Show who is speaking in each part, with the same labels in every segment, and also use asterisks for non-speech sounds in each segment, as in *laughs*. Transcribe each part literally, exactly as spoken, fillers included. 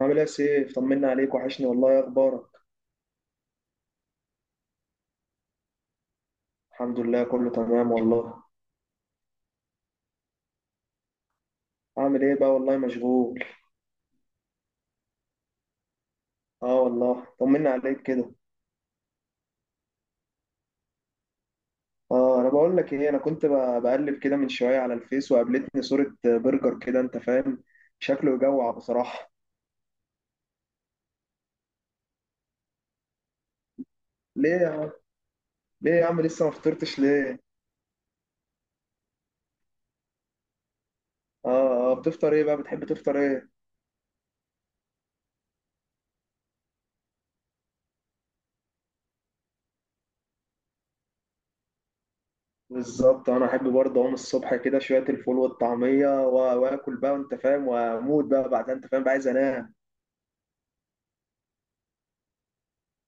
Speaker 1: عامل ايه يا سيف؟ طمنا عليك، وحشني والله، ايه اخبارك؟ الحمد لله، كله تمام والله. عامل ايه بقى؟ والله مشغول. اه والله، طمنا عليك كده. اه انا بقول لك ايه، انا كنت ب- بقلب كده من شويه على الفيس وقابلتني صوره برجر كده انت فاهم. شكله يجوع بصراحه. ليه يا عم، ليه يا عم لسه ما فطرتش ليه؟ اه، اه، بتفطر ايه بقى؟ بتحب تفطر ايه؟ بالظبط، انا احب برضه اقوم الصبح كده شويه الفول والطعميه وا- واكل بقى انت فاهم، واموت بقى بعدها انت فاهم بقى عايز انام.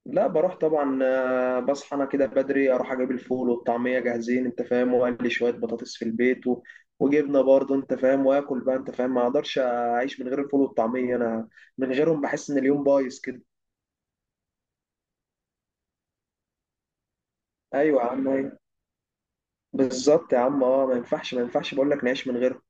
Speaker 1: لا بروح طبعا، آه، بصحى انا كده بدري اروح اجيب الفول والطعميه جاهزين انت فاهم، واقلي شويه بطاطس في البيت و... وجبنه برضه انت فاهم، واكل بقى انت فاهم، ما اقدرش اعيش من غير الفول والطعميه انا. من غيرهم بحس ان اليوم بايظ كده. ايوه يا عم، أيوة. بالظبط يا عم، اه ما ينفعش ما ينفعش بقول لك نعيش من غيرهم.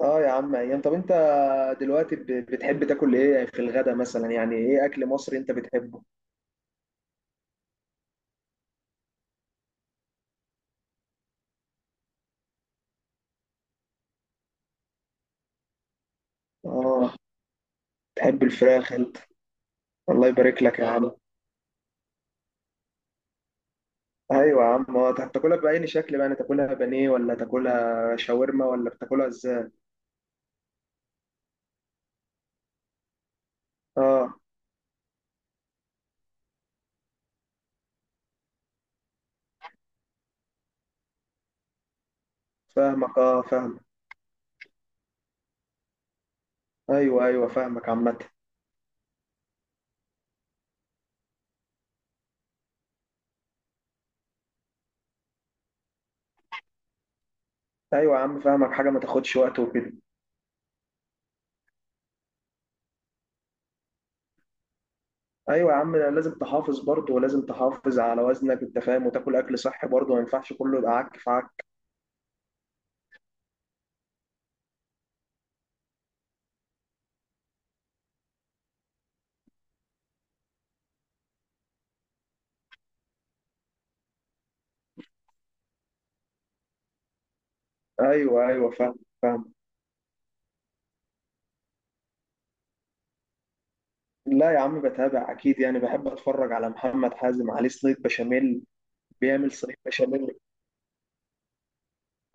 Speaker 1: اه يا عم، ايام. طب انت دلوقتي ب- بتحب تاكل ايه في الغدا مثلا؟ يعني ايه اكل مصري انت بتحبه؟ اه. تحب الفراخ انت؟ الله يبارك لك يا عم. ايوه يا عم، آه، هتاكلها باي شكل بقى؟ يعني تاكلها بانيه ولا تاكلها شاورما ولا بتاكلها ازاي؟ اه فاهمك، اه فاهمك. ايوه، ايوه، فاهمك عامه. ايوه يا عم، فاهمك، حاجه ما تاخدش وقت وكده. ايوه يا عم، لازم تحافظ برضه ولازم تحافظ على وزنك انت فاهم، وتاكل اكل صحي برضه، ما ينفعش كله يبقى عك في عك. ايوه، ايوه، فاهم، فاهم. لا يا عم، بتابع اكيد يعني، بحب اتفرج على محمد حازم، عليه صينيه بشاميل. بيعمل صينيه بشاميل.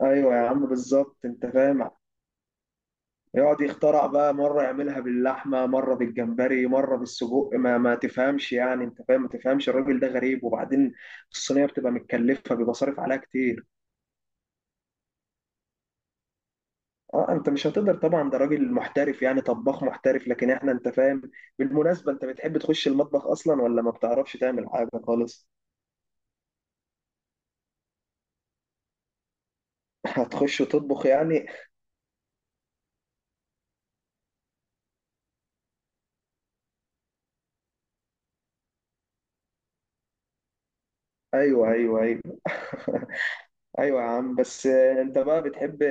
Speaker 1: ايوه يا عم، بالظبط انت فاهم. يقعد يخترع بقى، مرة يعملها باللحمة مرة بالجمبري مرة بالسجق، ما ما تفهمش يعني انت فاهم، ما تفهمش، الراجل ده غريب، وبعدين الصينية بتبقى متكلفة، بيبقى صارف عليها كتير. اه، انت مش هتقدر طبعا، ده راجل محترف يعني، طباخ محترف، لكن احنا انت فاهم. بالمناسبة، انت بتحب تخش المطبخ اصلا ولا ما بتعرفش تعمل حاجة خالص؟ *laughs* هتخش تطبخ يعني؟ ايوه، ايوه، ايوه. *laughs* ايوه يا عم، بس آه، انت بقى بتحب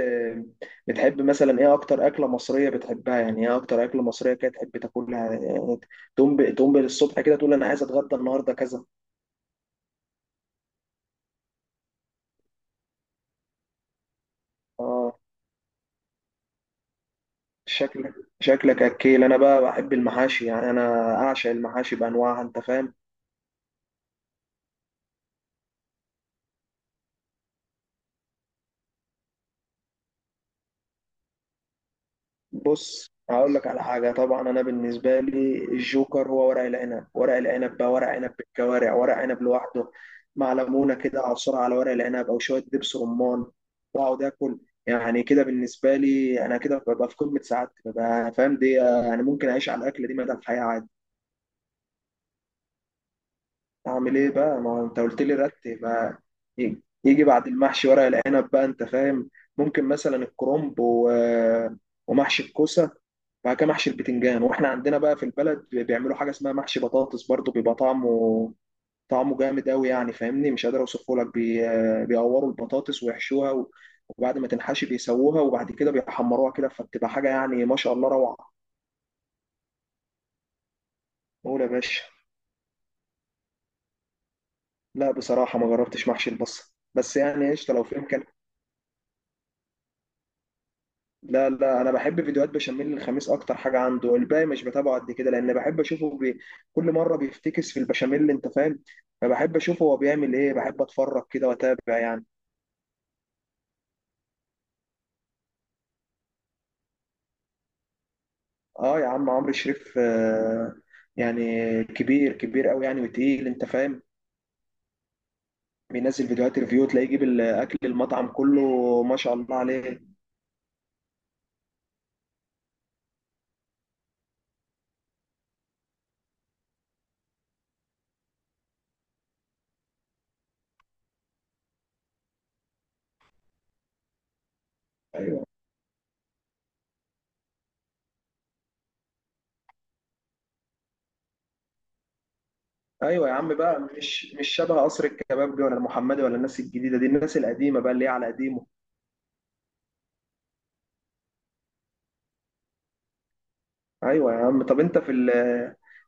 Speaker 1: بتحب مثلا ايه اكتر اكله مصريه بتحبها؟ يعني ايه اكتر اكله مصريه كده تحب تاكلها يعني؟ تقوم ب- تقوم بالصبح كده تقول انا عايز اتغدى النهارده كذا. اه، شكلك شكلك اكيل. انا بقى بحب المحاشي، يعني انا اعشق المحاشي بانواعها انت فاهم. بص، هقول لك على حاجة. طبعا أنا بالنسبة لي الجوكر هو ورق العنب. ورق العنب بقى ورق عنب بالكوارع، ورق عنب لوحده، مع ليمونة كده أعصر على ورق العنب أو شوية دبس رمان. وأقعد آكل. يعني كده بالنسبة لي أنا كده، ببقى في قمة سعادتي ببقى فاهم دي، يعني ممكن أعيش على الأكل دي مدى الحياة عادي. أعمل إيه بقى؟ ما هو أنت قلت لي رتب بقى. يجي يجي بعد المحشي ورق العنب بقى أنت فاهم. ممكن مثلا الكرنب و... ومحشي الكوسة. بعد كده محشي البتنجان. واحنا عندنا بقى في البلد بيعملوا حاجه اسمها محشي بطاطس برضو، بيبقى طعمه، طعمه جامد قوي يعني، فاهمني مش قادر اوصفه لك بي... بيقوروا البطاطس ويحشوها و... وبعد ما تنحشي بيسووها، وبعد كده بيحمروها كده، فبتبقى حاجه يعني ما شاء الله، روعه. قول يا باشا. لا بصراحه، ما جربتش محشي البصل، بس يعني قشطه لو في امكانيه. لا لا، انا بحب فيديوهات بشاميل الخميس اكتر حاجه عنده، الباقي مش بتابعه قد كده، لان بحب اشوفه بي... كل مره بيفتكس في البشاميل انت فاهم، فبحب اشوفه هو بيعمل ايه، بحب اتفرج كده واتابع يعني. اه يا عم، عمرو شريف آه. يعني كبير كبير قوي يعني، وتقيل انت فاهم. بينزل فيديوهات ريفيو، تلاقيه يجيب الاكل المطعم كله، ما شاء الله عليه. ايوه. ايوه يا عم بقى، مش مش شبه قصر الكبابجي ولا المحمدي ولا الناس الجديده دي، الناس القديمه بقى اللي هي على قديمه. ايوه يا عم، طب انت في ال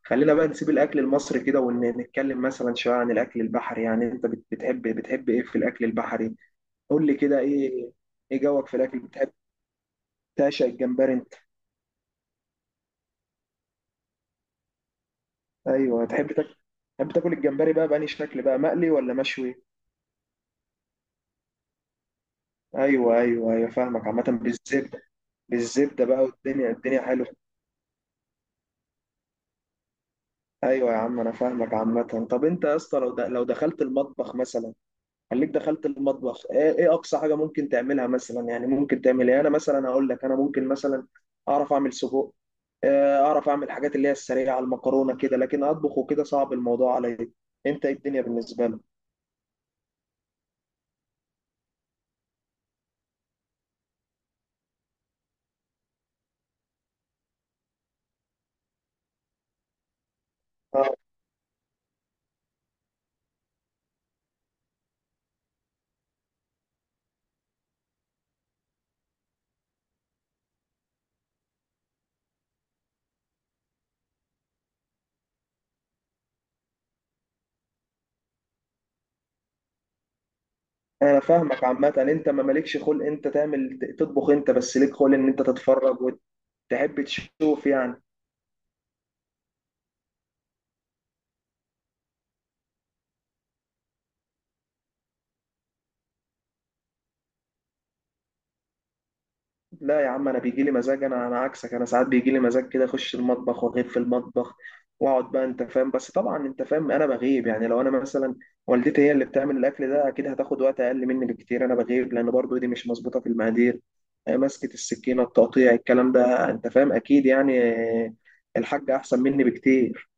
Speaker 1: خلينا بقى نسيب الاكل المصري كده، ونتكلم مثلا شويه عن الاكل البحري، يعني انت بت- بتحب بتحب ايه في الاكل البحري؟ قول لي كده، ايه؟ ايه جوك في الاكل بتحب؟ تعشق الجمبري انت؟ ايوه، تحب تاكل تحب تاكل الجمبري بقى بأني شكل بقى، مقلي ولا مشوي؟ ايوه، ايوه، ايوه، فاهمك عامه، بالزبده. بالزبده بقى، والدنيا الدنيا حلوه. ايوه يا عم، انا فاهمك عامه. طب انت يا اسطى، لو د- لو دخلت المطبخ مثلا. خليك دخلت المطبخ، ايه إيه اقصى حاجه ممكن تعملها مثلا، يعني ممكن تعمل ايه؟ انا مثلا هقول لك، انا ممكن مثلا اعرف اعمل سجق. آه، اعرف اعمل الحاجات اللي هي السريعه المكرونه كده، لكن اطبخ وكده صعب الموضوع عليا. انت إيه الدنيا بالنسبه لك؟ آه، انا فاهمك عامه، انت ما مالكش خلق انت تعمل تطبخ، انت بس ليك خلق ان انت تتفرج وتحب تشوف يعني. لا يا عم، انا بيجي لي مزاج، انا انا عكسك، انا ساعات بيجي لي مزاج كده اخش المطبخ واغيب في المطبخ، واقعد بقى انت فاهم، بس طبعا انت فاهم انا بغيب يعني، لو انا مثلا والدتي هي اللي بتعمل الاكل ده، اكيد هتاخد وقت اقل مني بكتير، انا بغيب لان برضو ايدي مش مظبوطه في المقادير، آه، مسكه السكينه، التقطيع، الكلام ده انت فاهم اكيد يعني. آه، الحاجه احسن مني بكتير.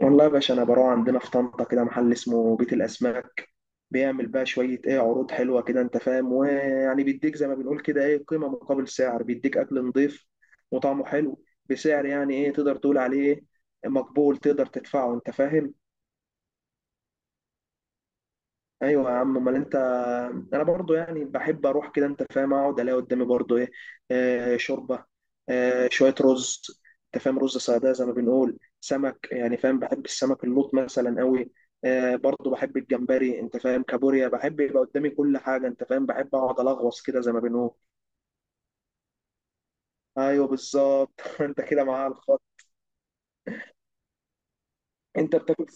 Speaker 1: والله يا باشا، انا بروح عندنا في طنطا كده محل اسمه بيت الاسماك. بيعمل بقى شويه ايه عروض حلوه كده انت فاهم، ويعني بيديك زي ما بنقول كده، ايه قيمه مقابل سعر، بيديك اكل نضيف وطعمه حلو، بسعر يعني ايه تقدر تقول عليه مقبول، تقدر تدفعه انت فاهم. ايوه يا عم، امال انت. انا برضو يعني بحب اروح كده انت فاهم، اقعد الاقي قدامي برضو ايه، آه شوربه، آه شويه رز انت فاهم، رز صياديه زي ما بنقول، سمك يعني فاهم، بحب السمك اللوط مثلا قوي، آه برضو بحب الجمبري انت فاهم، كابوريا، بحب يبقى قدامي كل حاجه انت فاهم، بحب اقعد الغوص كده زي ما بنقول. ايوه بالظبط. *laughs* انت كده معايا على الخط. انت بتاكل؟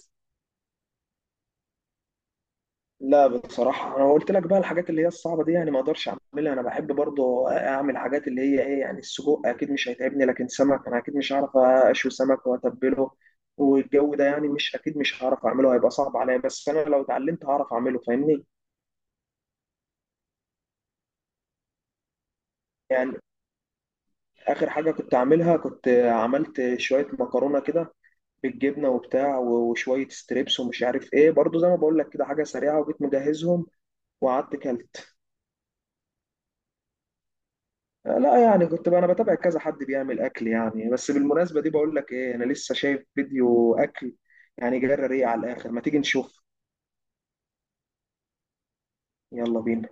Speaker 1: لا بصراحة، أنا قلت لك بقى الحاجات اللي هي الصعبة دي يعني ما أقدرش أعملها، أنا بحب برضو أعمل حاجات اللي هي إيه، يعني السجق أكيد مش هيتعبني، لكن سمك أنا أكيد مش هعرف أشوي سمك وأتبله والجو ده يعني، مش أكيد مش هعرف أعمله، هيبقى صعب عليا، بس أنا لو اتعلمت هعرف أعمله فاهمني. يعني آخر حاجة كنت أعملها، كنت عملت شوية مكرونة كده بالجبنة وبتاع، وشوية ستريبس ومش عارف إيه، برضو زي ما بقول لك كده حاجة سريعة، وجيت مجهزهم وقعدت كلت. لا يعني كنت بقى انا بتابع كذا حد بيعمل اكل يعني، بس بالمناسبه دي بقول لك ايه، انا لسه شايف فيديو اكل، يعني جرى ريق على الاخر. ما تيجي نشوف؟ يلا بينا.